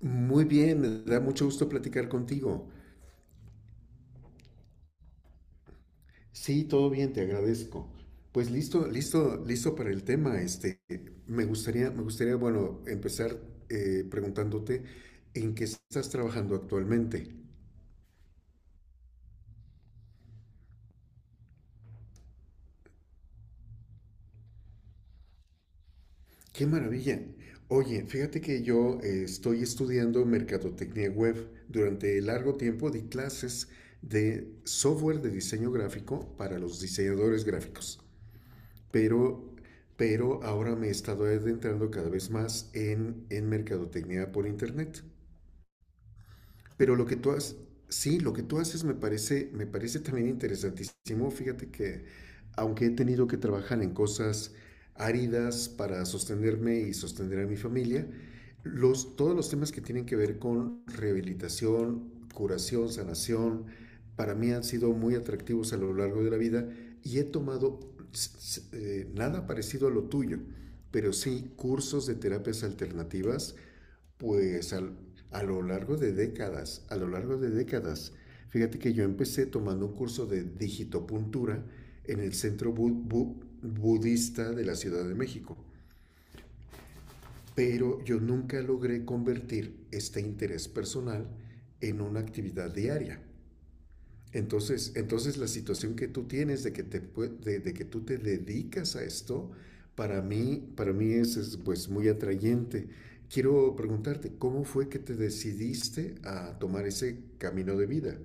Muy bien, me da mucho gusto platicar contigo. Sí, todo bien, te agradezco. Pues listo, listo, listo para el tema. Bueno, empezar preguntándote en qué estás trabajando actualmente. ¡Qué maravilla! Oye, fíjate que yo estoy estudiando mercadotecnia web. Durante largo tiempo di clases de software de diseño gráfico para los diseñadores gráficos. pero, pero ahora me he estado adentrando cada vez más en mercadotecnia por internet. Pero lo que tú haces, sí, lo que tú haces me parece también interesantísimo. Fíjate que aunque he tenido que trabajar en cosas áridas para sostenerme y sostener a mi familia, todos los temas que tienen que ver con rehabilitación, curación, sanación, para mí han sido muy atractivos a lo largo de la vida y he tomado nada parecido a lo tuyo, pero sí cursos de terapias alternativas pues al- a lo largo de décadas, fíjate que yo empecé tomando un curso de digitopuntura en el Centro Budista de la Ciudad de México, pero yo nunca logré convertir este interés personal en una actividad diaria. Entonces, la situación que tú tienes de de que tú te dedicas a esto, para mí es, pues muy atrayente. Quiero preguntarte, ¿cómo fue que te decidiste a tomar ese camino de vida?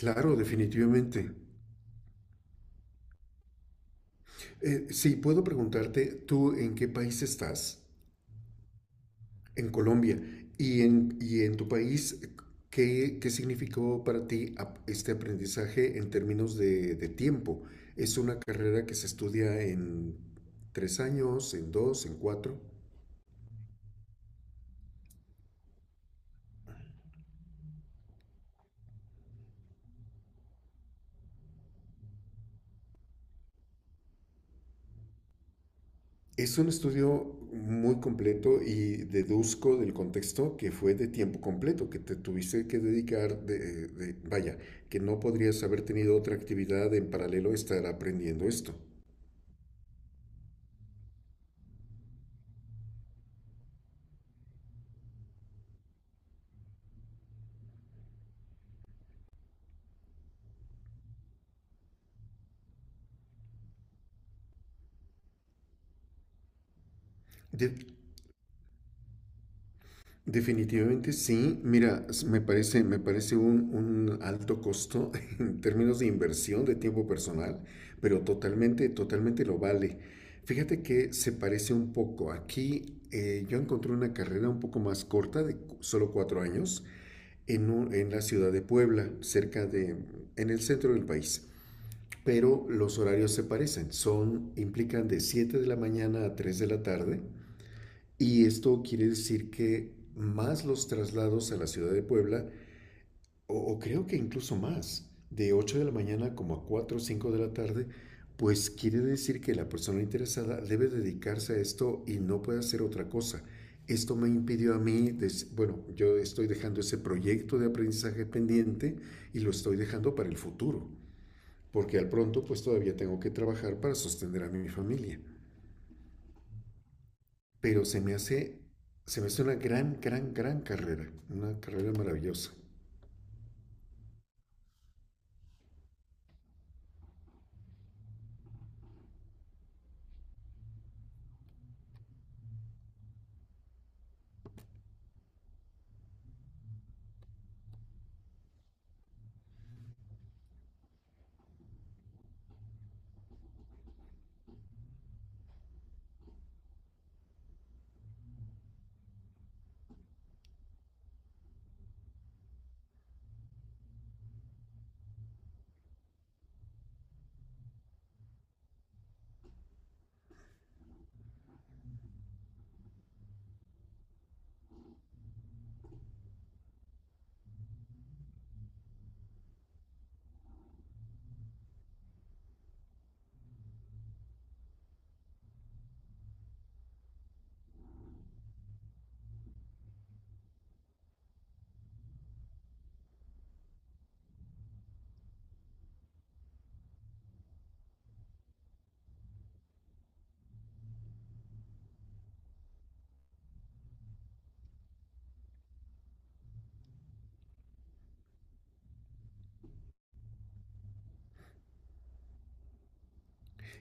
Claro, definitivamente. Sí, puedo preguntarte, ¿tú en qué país estás? En Colombia. ¿Y y en tu país, qué significó para ti este aprendizaje en términos de tiempo? ¿Es una carrera que se estudia en tres años, en dos, en cuatro? Es un estudio muy completo y deduzco del contexto que fue de tiempo completo, que te tuviste que dedicar, vaya, que no podrías haber tenido otra actividad en paralelo a estar aprendiendo esto. De- Definitivamente sí. Mira, me parece un alto costo en términos de inversión de tiempo personal, pero totalmente, totalmente lo vale. Fíjate que se parece un poco. Aquí yo encontré una carrera un poco más corta, de solo cuatro años, en la ciudad de Puebla, en el centro del país. Pero los horarios se parecen. Son, implican de 7 de la mañana a 3 de la tarde y esto quiere decir que más los traslados a la ciudad de Puebla, o creo que incluso más, de 8 de la mañana como a 4, o 5 de la tarde, pues quiere decir que la persona interesada debe dedicarse a esto y no puede hacer otra cosa. Esto me impidió a mí, bueno, yo estoy dejando ese proyecto de aprendizaje pendiente y lo estoy dejando para el futuro, porque al pronto pues todavía tengo que trabajar para sostener a mi familia. pero se me hace, Se me hace una gran, gran, gran carrera, una carrera maravillosa.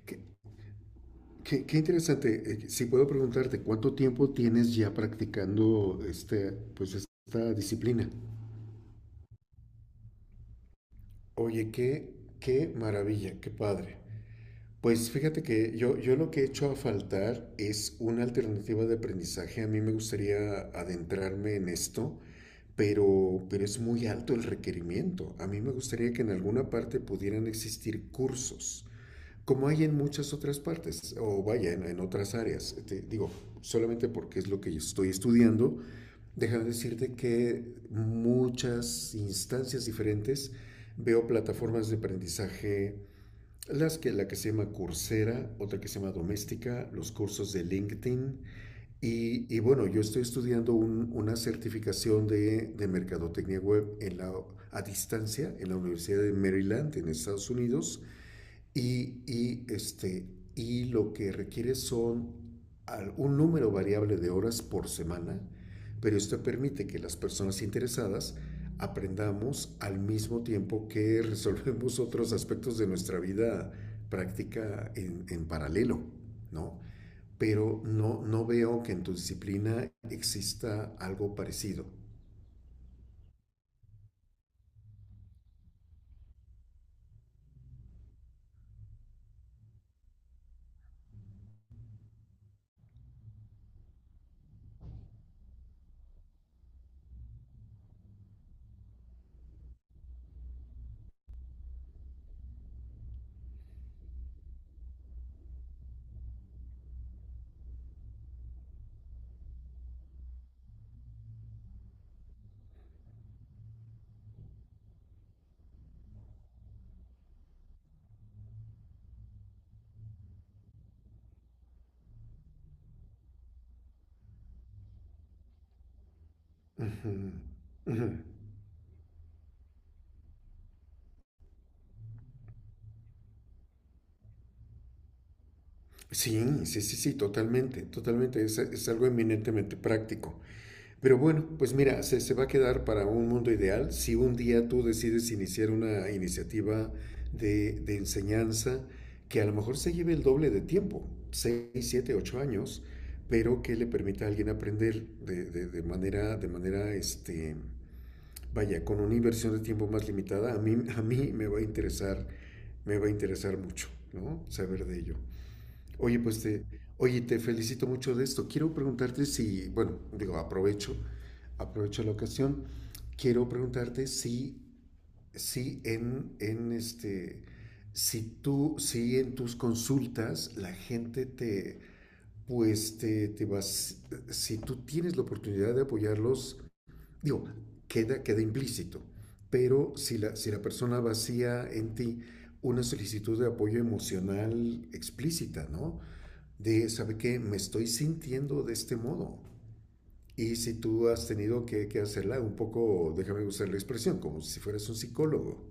Qué, Qué interesante. Si puedo preguntarte, ¿cuánto tiempo tienes ya practicando este, pues esta disciplina? Oye, qué maravilla, qué padre. Pues fíjate que yo lo que he hecho a faltar es una alternativa de aprendizaje. A mí me gustaría adentrarme en esto, pero es muy alto el requerimiento. A mí me gustaría que en alguna parte pudieran existir cursos como hay en muchas otras partes, o vaya, en otras áreas, te digo, solamente porque es lo que yo estoy estudiando, déjame decirte que muchas instancias diferentes veo plataformas de aprendizaje, la que se llama Coursera, otra que se llama Doméstica, los cursos de LinkedIn, y bueno, yo estoy estudiando una certificación de mercadotecnia web en la, a distancia en la Universidad de Maryland, en Estados Unidos, y, y, este, y lo que requiere son un número variable de horas por semana, pero esto permite que las personas interesadas aprendamos al mismo tiempo que resolvemos otros aspectos de nuestra vida práctica en paralelo, ¿no? Pero no, no veo que en tu disciplina exista algo parecido. Ujú, ujú. Sí, sí, sí, sí, totalmente, totalmente. Es algo eminentemente práctico. Pero bueno, pues mira, se va a quedar para un mundo ideal si un día tú decides iniciar una iniciativa de enseñanza que a lo mejor se lleve el doble de tiempo, 6 7 8 años, pero que le permita a alguien aprender de manera, vaya, con una inversión de tiempo más limitada, a mí me va a interesar, me va a interesar mucho, ¿no? Saber de ello. Oye, oye, te felicito mucho de esto. Quiero preguntarte si, bueno, digo, aprovecho la ocasión. Quiero preguntarte si, si si tú, si en tus consultas la gente te, pues te vas, si si tú tienes la oportunidad de apoyarlos, digo, queda implícito. Pero si la persona vacía en ti una solicitud de apoyo emocional explícita, ¿no? De, ¿sabe qué? Me estoy sintiendo de este modo. Y si tú has tenido que hacerla un poco, déjame usar la expresión, como si fueras un psicólogo.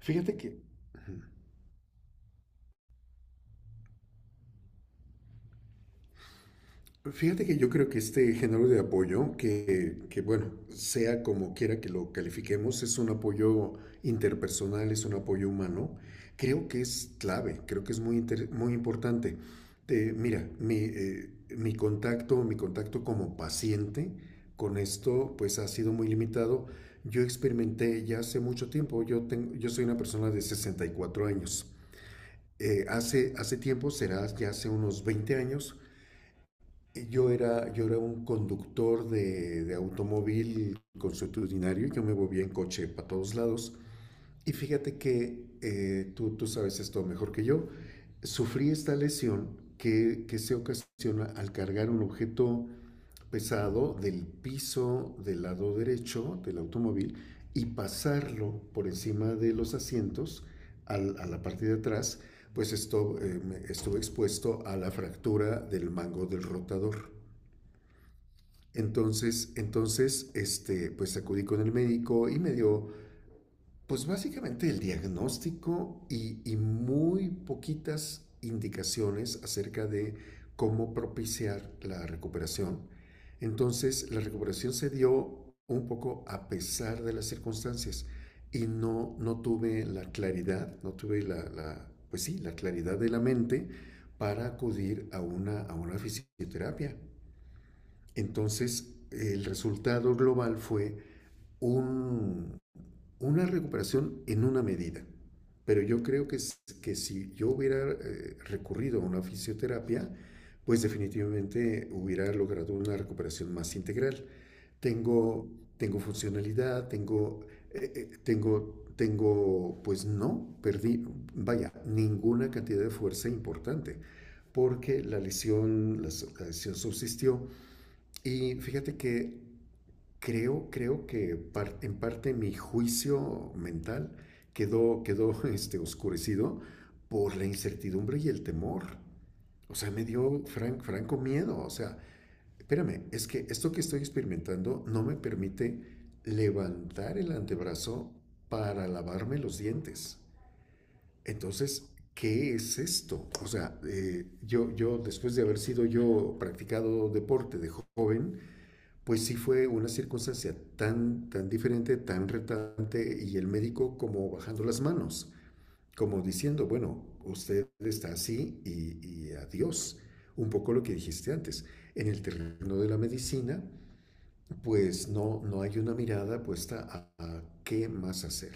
Fíjate que Fíjate que yo creo que este género de apoyo, bueno, sea como quiera que lo califiquemos, es un apoyo interpersonal, es un apoyo humano, creo que es clave, creo que es muy, muy importante. Mi contacto, mi contacto como paciente con esto, pues ha sido muy limitado. Yo experimenté ya hace mucho tiempo, yo soy una persona de 64 años. Hace tiempo, será ya hace unos 20 años, yo era un conductor de automóvil consuetudinario, yo me movía en coche para todos lados. Y fíjate que tú sabes esto mejor que yo, sufrí esta lesión que se ocasiona al cargar un objeto pesado del piso del lado derecho del automóvil y pasarlo por encima de los asientos a la parte de atrás, pues esto, estuve expuesto a la fractura del mango del rotador. Entonces, pues acudí con el médico pues básicamente el diagnóstico y muy poquitas indicaciones acerca de cómo propiciar la recuperación. Entonces, la recuperación se dio un poco a pesar de las circunstancias y no, no tuve la claridad, no tuve la, la- pues sí, la claridad de la mente para acudir a a una fisioterapia. Entonces, el resultado global fue un, una recuperación en una medida. Pero yo creo que si yo hubiera recurrido a una fisioterapia, pues definitivamente hubiera logrado una recuperación más integral. Tengo, Tengo funcionalidad, tengo, pues no, vaya, ninguna cantidad de fuerza importante, porque la lesión subsistió, y fíjate que creo que en parte mi juicio mental quedó oscurecido por la incertidumbre y el temor. O sea, me dio franco miedo. O sea, espérame, es que esto que estoy experimentando no me permite levantar el antebrazo para lavarme los dientes. Entonces, ¿qué es esto? O sea, yo después de haber sido yo practicado deporte de joven, pues sí fue una circunstancia tan, tan diferente, tan retante, y el médico como bajando las manos, como diciendo, bueno, usted está así y adiós. Un poco lo que dijiste antes. En el terreno de la medicina, pues no, no hay una mirada puesta a qué más hacer.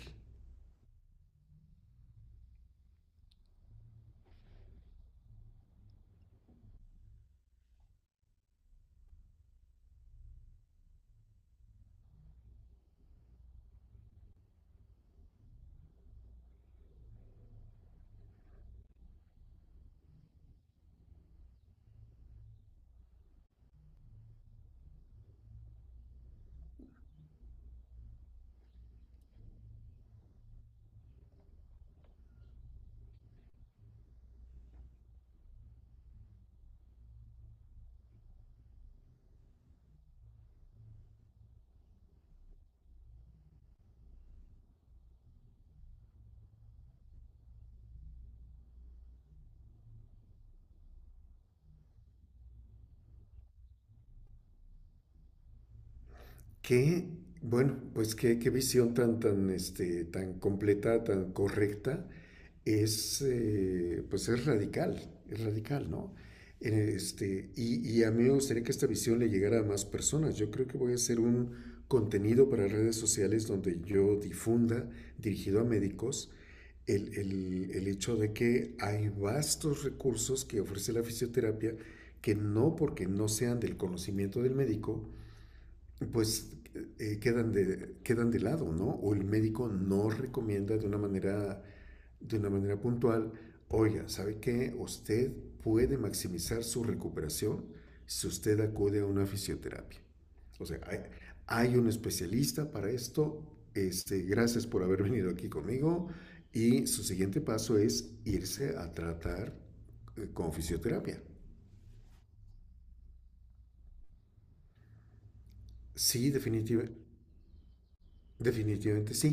Qué, bueno, pues qué visión tan, tan completa, tan correcta. Pues es radical, ¿no? Y a mí me gustaría que esta visión le llegara a más personas. Yo creo que voy a hacer un contenido para redes sociales donde yo difunda, dirigido a médicos, el hecho de que hay vastos recursos que ofrece la fisioterapia que no porque no sean del conocimiento del médico, pues quedan de lado, ¿no? O el médico no recomienda de una manera puntual, oiga, ¿sabe qué? Usted puede maximizar su recuperación si usted acude a una fisioterapia. O sea, hay un especialista para esto. Gracias por haber venido aquí conmigo. Y su siguiente paso es irse a tratar con fisioterapia. Sí, definitiva- Definitivamente sí.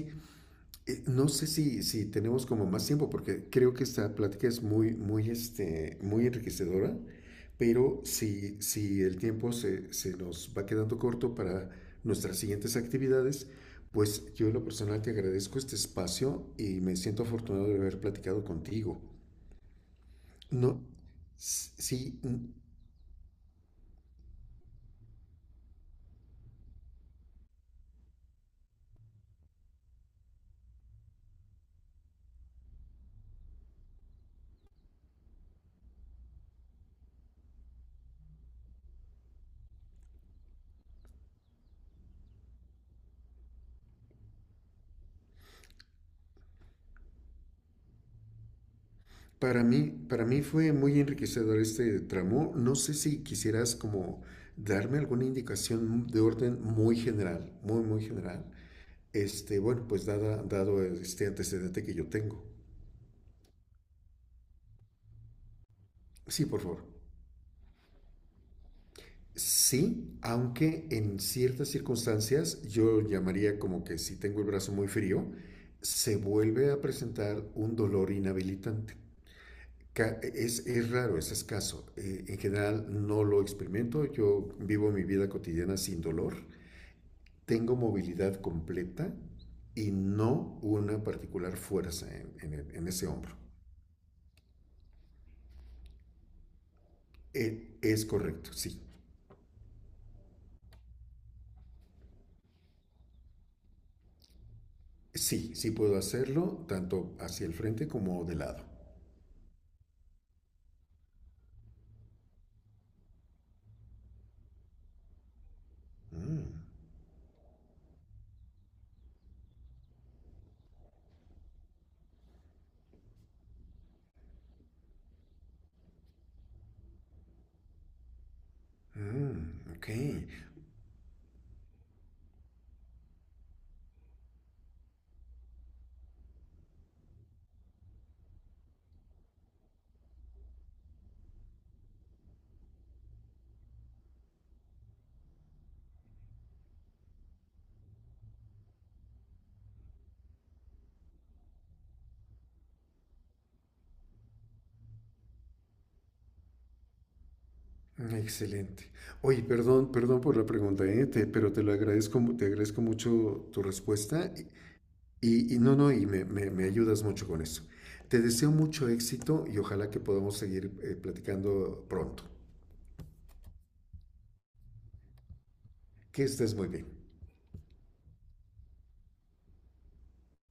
No sé si tenemos como más tiempo, porque creo que esta plática es muy, muy enriquecedora, pero si el tiempo se nos va quedando corto para nuestras siguientes actividades, pues yo en lo personal te agradezco este espacio y me siento afortunado de haber platicado contigo. No, s- sí, mm, para mí fue muy enriquecedor este tramo. No sé si quisieras como darme alguna indicación de orden muy general, muy general. Dado este antecedente que yo tengo. Sí, por favor. Sí, aunque en ciertas circunstancias yo llamaría como que si tengo el brazo muy frío, se vuelve a presentar un dolor inhabilitante. Es raro, es escaso. En general no lo experimento. Yo vivo mi vida cotidiana sin dolor. Tengo movilidad completa y no una particular fuerza en ese hombro. Es correcto, sí. Sí, sí puedo hacerlo tanto hacia el frente como de lado. Mm, ok. Mm, excelente. Oye, perdón, perdón por la pregunta, pero te lo agradezco, te agradezco mucho tu respuesta. Y no, no, y me- Me ayudas mucho con eso. Te deseo mucho éxito y ojalá que podamos seguir platicando pronto. Que estés muy bien.